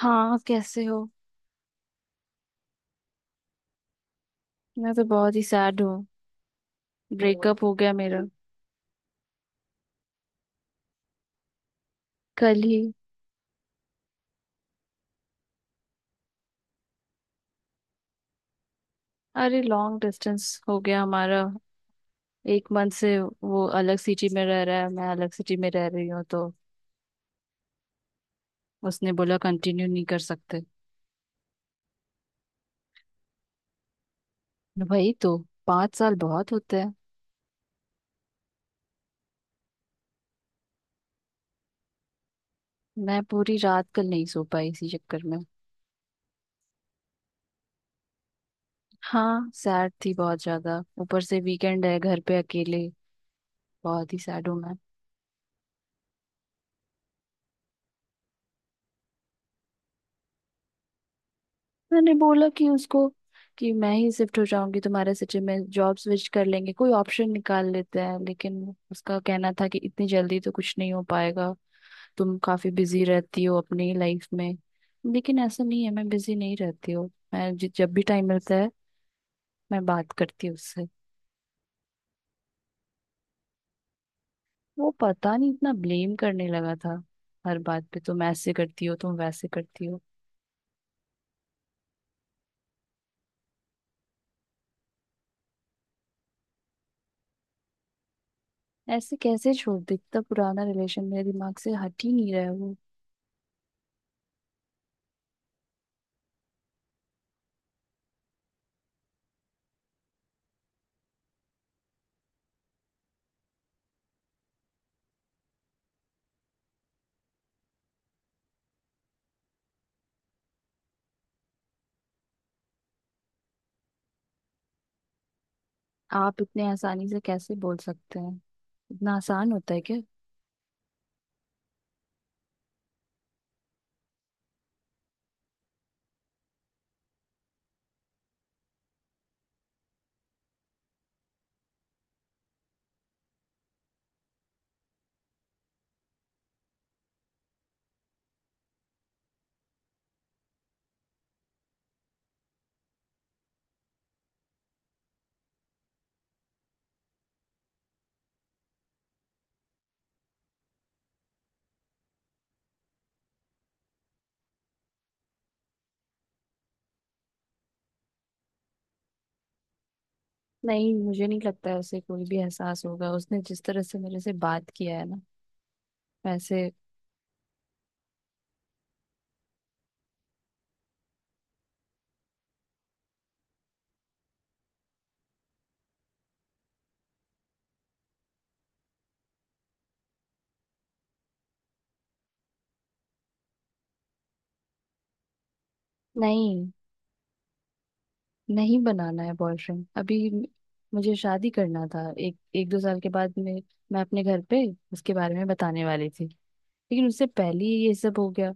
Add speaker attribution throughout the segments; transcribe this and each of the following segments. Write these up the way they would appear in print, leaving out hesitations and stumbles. Speaker 1: हाँ। कैसे हो। मैं तो बहुत ही सैड हूँ। बहुत ब्रेकअप हो गया मेरा। कल ही। अरे लॉन्ग डिस्टेंस हो गया हमारा। एक मंथ से वो अलग सिटी में रह रहा है, मैं अलग सिटी में रह रही हूँ, तो उसने बोला कंटिन्यू नहीं कर सकते। वही तो। पाँच साल बहुत होते हैं। मैं पूरी रात कल नहीं सो पाई इसी चक्कर में। हाँ, सैड थी बहुत ज्यादा, ऊपर से वीकेंड है, घर पे अकेले। बहुत ही सैड हूँ मैं। मैंने बोला कि उसको कि मैं ही शिफ्ट हो जाऊंगी तुम्हारे सिटी में, जॉब स्विच कर लेंगे, कोई ऑप्शन निकाल लेते हैं, लेकिन उसका कहना था कि इतनी जल्दी तो कुछ नहीं हो पाएगा। तुम काफी बिजी रहती हो अपनी लाइफ में। लेकिन ऐसा नहीं है, मैं बिजी नहीं रहती हूँ। मैं जब भी टाइम मिलता है मैं बात करती हूँ उससे। वो पता नहीं इतना ब्लेम करने लगा था। हर बात पे तुम ऐसे करती हो, तुम वैसे करती हो। ऐसे कैसे छोड़ दे इतना पुराना रिलेशन? मेरे दिमाग से हट ही नहीं रहा है वो। आप इतने आसानी से कैसे बोल सकते हैं? इतना आसान होता है क्या? नहीं, मुझे नहीं लगता है उसे कोई भी एहसास होगा। उसने जिस तरह से मेरे से बात किया है ना, वैसे। नहीं नहीं, बनाना है बॉयफ्रेंड अभी? मुझे शादी करना था एक एक दो साल के बाद। मैं अपने घर पे उसके बारे में बताने वाली थी, लेकिन उससे पहले ही ये सब हो गया।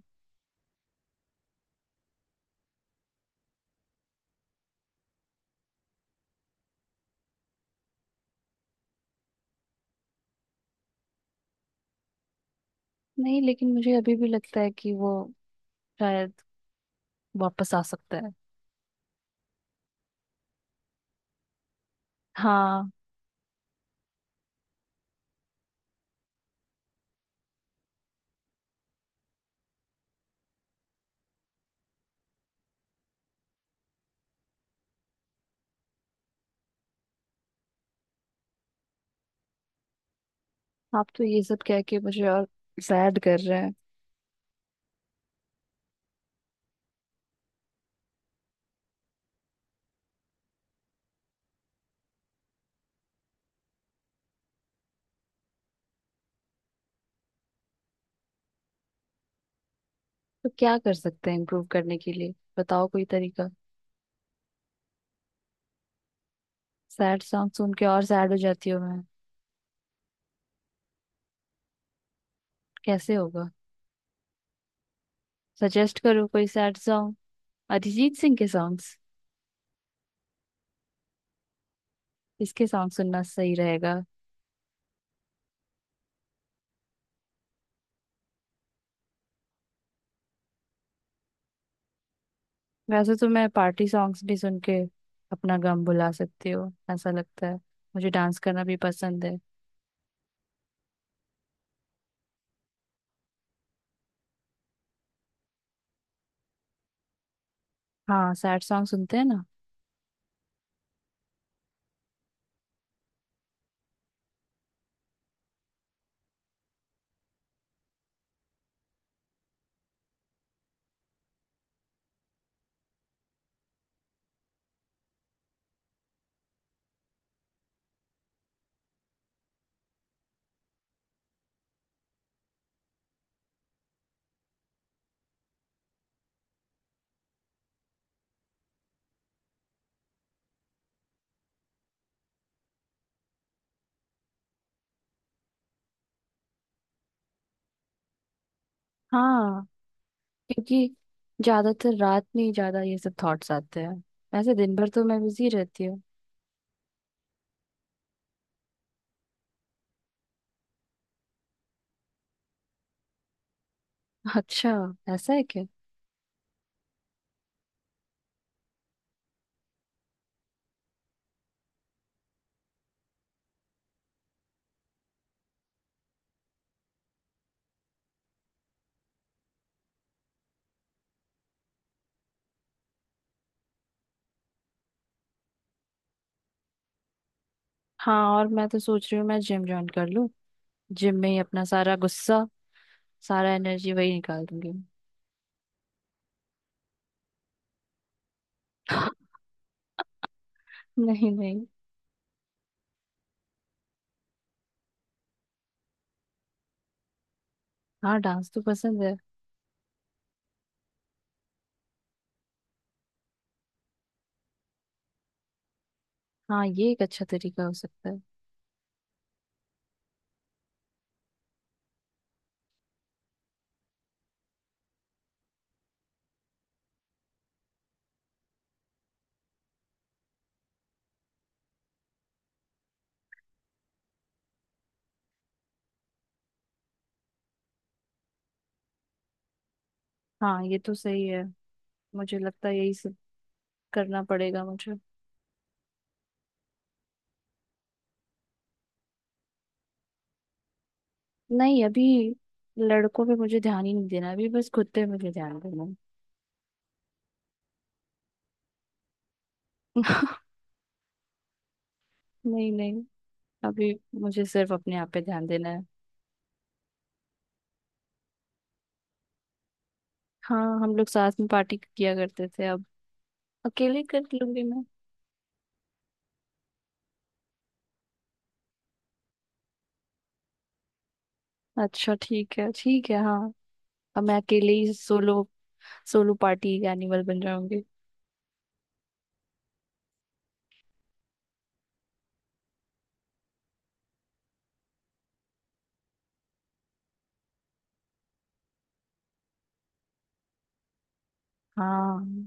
Speaker 1: नहीं, लेकिन मुझे अभी भी लगता है कि वो शायद वापस आ सकता है। हाँ। आप तो ये सब कह के मुझे और सैड कर रहे हैं। तो क्या कर सकते हैं इम्प्रूव करने के लिए? बताओ कोई तरीका। सैड सॉन्ग सुन के और सैड हो जाती हूँ मैं। कैसे होगा? सजेस्ट करो कोई सैड सॉन्ग। अरिजीत सिंह के सॉन्ग्स, इसके सॉन्ग सुनना सही रहेगा। वैसे तो मैं पार्टी सॉन्ग्स भी सुन के अपना गम भुला सकती हूँ, ऐसा लगता है। मुझे डांस करना भी पसंद है। हाँ, सैड सॉन्ग सुनते हैं ना। हाँ। क्योंकि ज्यादातर रात में ही ज्यादा ये सब थॉट्स आते हैं। वैसे दिन भर तो मैं बिजी रहती हूँ। अच्छा, ऐसा है क्या? हाँ। और मैं तो सोच रही हूँ मैं जिम ज्वाइन कर लूँ। जिम में ही अपना सारा गुस्सा, सारा एनर्जी वही निकाल दूंगी। नहीं नहीं। हाँ, डांस तो पसंद है। हाँ, ये एक अच्छा तरीका हो सकता है। हाँ, ये तो सही है। मुझे लगता है यही सब करना पड़ेगा मुझे। नहीं, अभी लड़कों पे मुझे ध्यान ही नहीं देना, अभी बस खुद पे मुझे ध्यान देना है। नहीं नहीं, अभी मुझे सिर्फ अपने आप पे ध्यान देना है। हाँ, हम लोग साथ में पार्टी किया करते थे। अब अकेले कर लूंगी मैं। अच्छा, ठीक है ठीक है, हाँ। अब मैं अकेले ही सोलो। सोलो पार्टी एनिमल बन जाऊंगी। हाँ।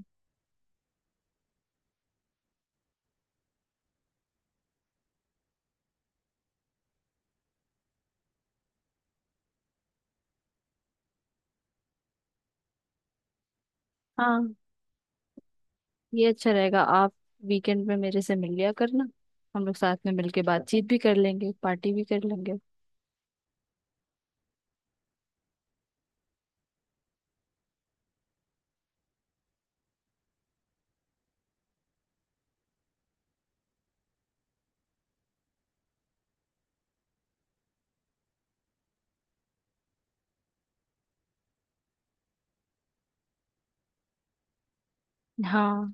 Speaker 1: हाँ, ये अच्छा रहेगा। आप वीकेंड में मेरे से मिल लिया करना। हम लोग साथ में मिलके बातचीत भी कर लेंगे, पार्टी भी कर लेंगे। हाँ।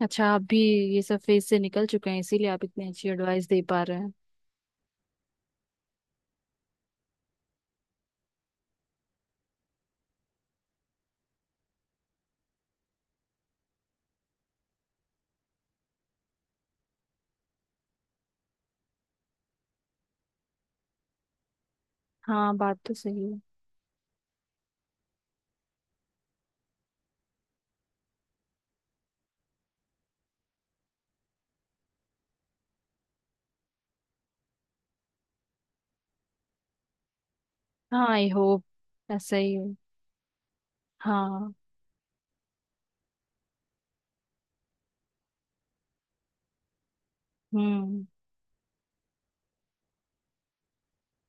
Speaker 1: अच्छा, आप भी ये सब फेज से निकल चुके हैं, इसीलिए आप इतनी अच्छी एडवाइस दे पा रहे हैं। हाँ, बात तो सही है। हाँ, आई होप ऐसा ही हो। हाँ। हम्म,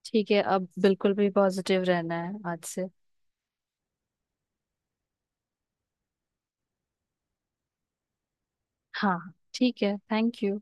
Speaker 1: ठीक है। अब बिल्कुल भी पॉजिटिव रहना है आज से। हाँ, ठीक है, थैंक यू।